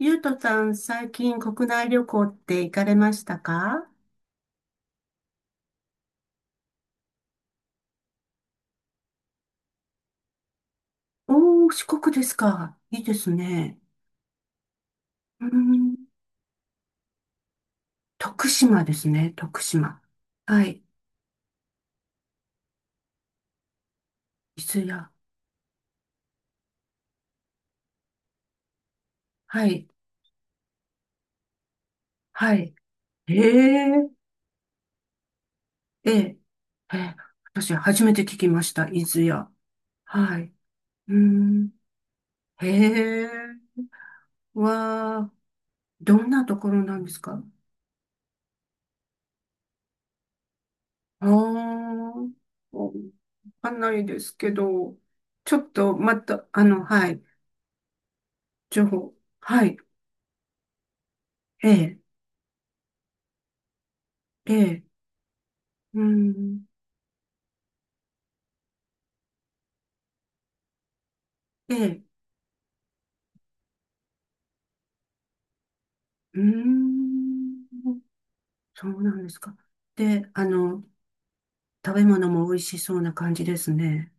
ゆうとさん、最近国内旅行って行かれましたか？おー、四国ですか。いいですね。うーん、徳島ですね、徳島。はい、伊豆や。はい、はい。ええええ、ええ、私初めて聞きました、伊豆や。はい。うーん、へえ、わあ、どんなところなんですか？ああー、わかんないですけど、ちょっとまた、はい。情報。はい。ええ、ええ、うーん、ええ、うーん、そうなんですか。で、食べ物も美味しそうな感じですね。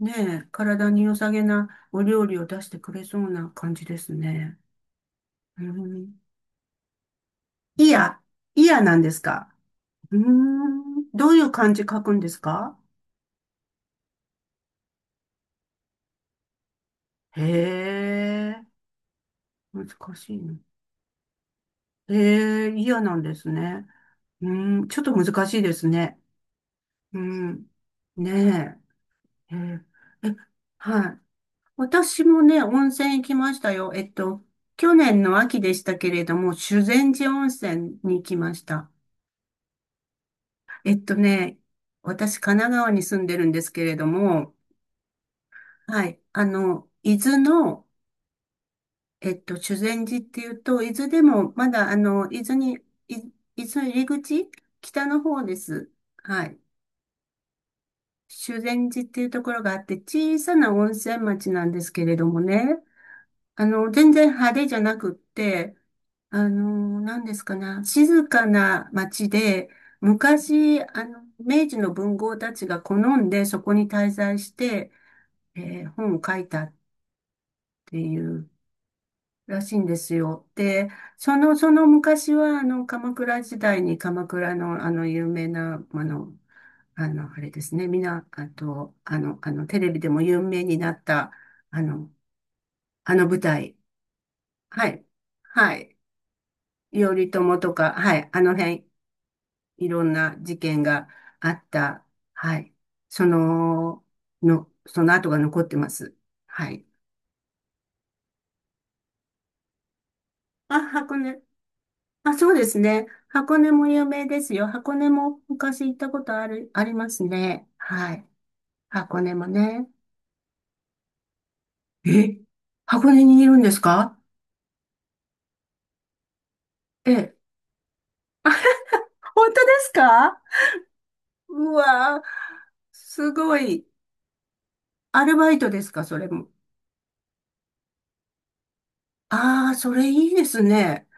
ねえ、体に良さげなお料理を出してくれそうな感じですね。うーん、いや、いやなんですか。うーん、どういう漢字書くんですか？へえ、難しいの？へえ、いやなんですね。うーん、ちょっと難しいですね。うん。ねえ。えはい。私もね、温泉行きましたよ。去年の秋でしたけれども、修善寺温泉に行きました。えっとね、私、神奈川に住んでるんですけれども、はい。伊豆の、修善寺っていうと、伊豆でも、まだ、伊豆に、伊豆入り口、北の方です。はい。修善寺っていうところがあって、小さな温泉町なんですけれどもね。全然派手じゃなくって、何ですかね、静かな町で、昔、明治の文豪たちが好んでそこに滞在して、本を書いたっていうらしいんですよ。で、その昔は、鎌倉時代に鎌倉の、有名な、あれですね、あと、テレビでも有名になった、あの、あの舞台。はい。はい。頼朝とか、はい、あの辺、いろんな事件があった、はい、その、その後が残ってます。はい。あ、箱根。あ、そうですね。箱根も有名ですよ。箱根も昔行ったことある、ありますね。はい。箱根もね。え、箱根にいるんですか？ええ。本当ですか？うわー、すごい。アルバイトですか、それも。ああ、それいいですね。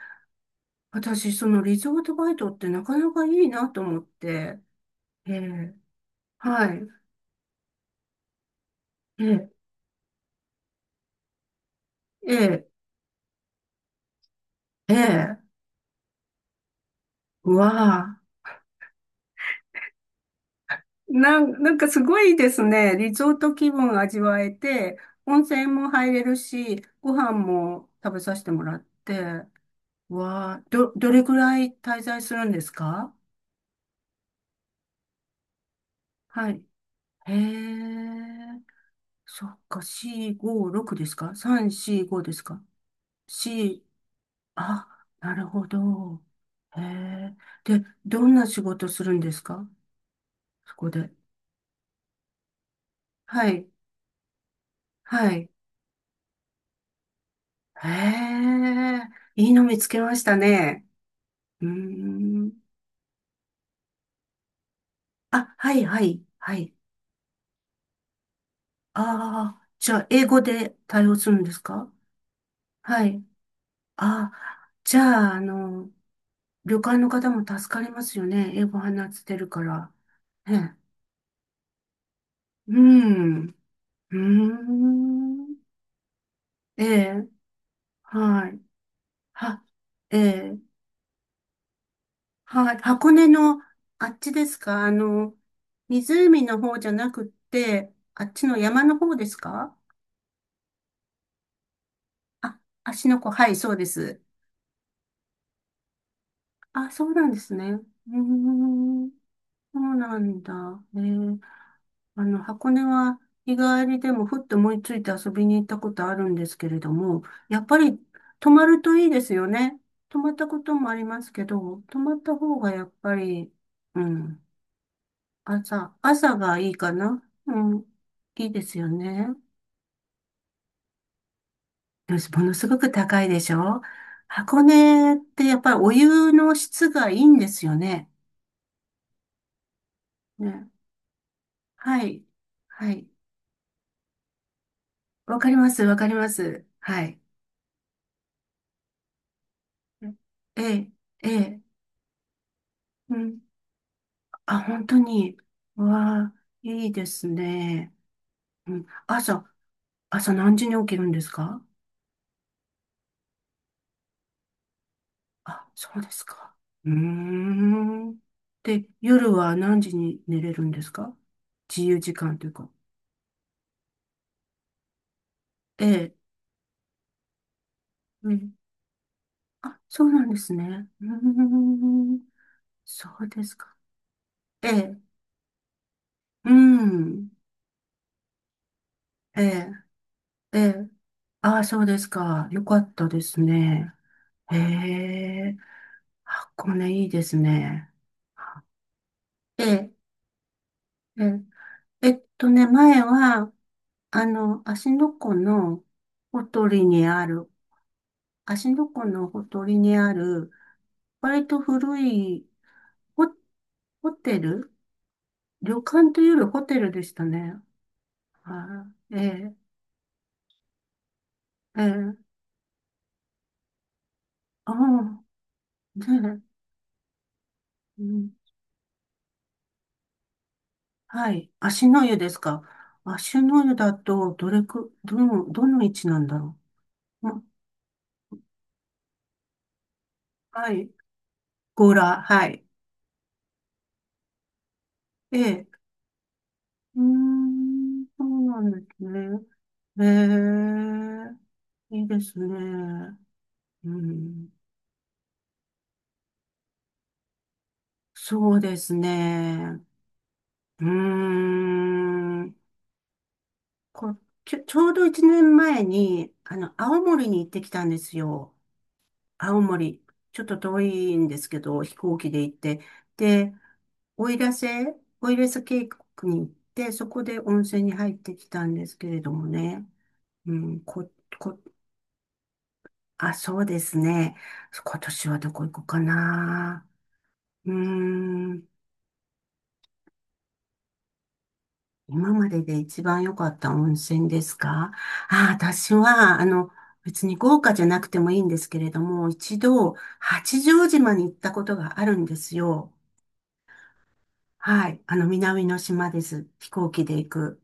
私、そのリゾートバイトってなかなかいいなと思って、ええ、はい、ええ、ええ、ええ、うわあ、なんかすごいですね。リゾート気分味わえて、温泉も入れるし、ご飯も食べさせてもらって、うわあ、どれくらい滞在するんですか？はい。へえ、そっか、4、5、6ですか ?3、4、5ですか ?4、あ、なるほど。へえ。で、どんな仕事するんですか？そこで。はい。はい。へえ。いいの見つけましたね。うーん。あ、はい、はい、はい。ああ、じゃあ、英語で対応するんですか？はい。ああ、じゃあ、旅館の方も助かりますよね。英語話してるから。ね。うん。うーん。ええ、はい。は、ええはい、箱根のあっちですか？湖の方じゃなくって、あっちの山の方ですか？あ、芦ノ湖、はい、そうです。あ、そうなんですね。うーん、そうなんだ。ね、箱根は日帰りでもふっと思いついて遊びに行ったことあるんですけれども、やっぱり泊まるといいですよね。泊まったこともありますけど、泊まった方がやっぱり、うん、朝がいいかな。うん。いいですよね。よし、ものすごく高いでしょ？箱根ってやっぱりお湯の質がいいんですよね。ね。はい。はい。わかります、わかります。はい。ええ、ええ。うん。あ、本当に。わあ、いいですね。うん。朝何時に起きるんですか？あ、そうですか。うーん。で、夜は何時に寝れるんですか？自由時間というか。ええ。うん。あ、そうなんですね。うーん。そうですか。ええ。うん。ええ。ええ。ああ、そうですか。よかったですね。へえ。箱根いいですね。ええ。ええ。前は、芦ノ湖のほとりにある芦ノ湖のほとりにある、割と古いホ、ホテル旅館というよりホテルでしたね。はい。ええ、ええ、ああ、ねえ、うん、はい。芦の湯ですか。芦の湯だと、どれく、どの、どの位置なんだろう。うんはい。強羅、はい。ええ、うーん、そうなんですね。ええ、いいですね。うん、そうですね。うーん。こう、ちょうど1年前に、青森に行ってきたんですよ。青森。ちょっと遠いんですけど、飛行機で行って。で、奥入瀬、奥入瀬渓谷に行って、そこで温泉に入ってきたんですけれどもね。うん、こ、あ、そうですね。今年はどこ行こうかな。うーん。今までで一番良かった温泉ですか？ああ、私は、別に豪華じゃなくてもいいんですけれども、一度、八丈島に行ったことがあるんですよ。はい。南の島です。飛行機で行く。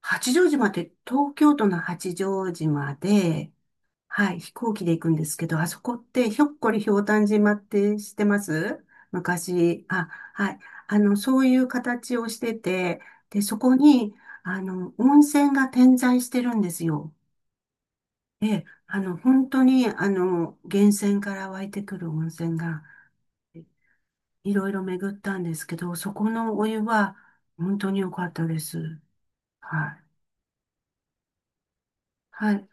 八丈島って東京都の八丈島で、はい、飛行機で行くんですけど、あそこってひょっこりひょうたん島って知ってます？昔。あ、はい。そういう形をしてて、で、そこに、温泉が点在してるんですよ。で、本当に、源泉から湧いてくる温泉が、いろいろ巡ったんですけど、そこのお湯は、本当に良かったです。はい。はい。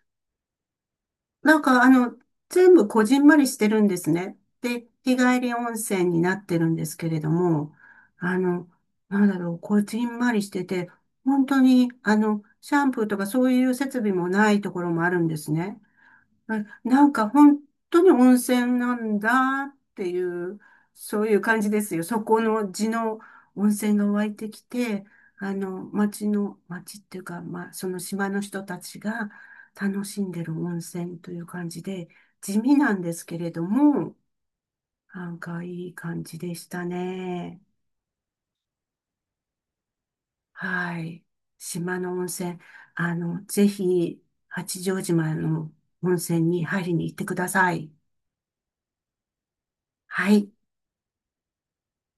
なんか、全部こじんまりしてるんですね。で、日帰り温泉になってるんですけれども、あの、なんだろう、こじんまりしてて、本当に、シャンプーとかそういう設備もないところもあるんですね。あなんか本当に温泉なんだっていう、そういう感じですよ。そこの地の温泉が湧いてきて、町っていうか、まあ、その島の人たちが楽しんでる温泉という感じで、地味なんですけれども、なんかいい感じでしたね。はい。島の温泉、ぜひ、八丈島の温泉に入りに行ってください。はい。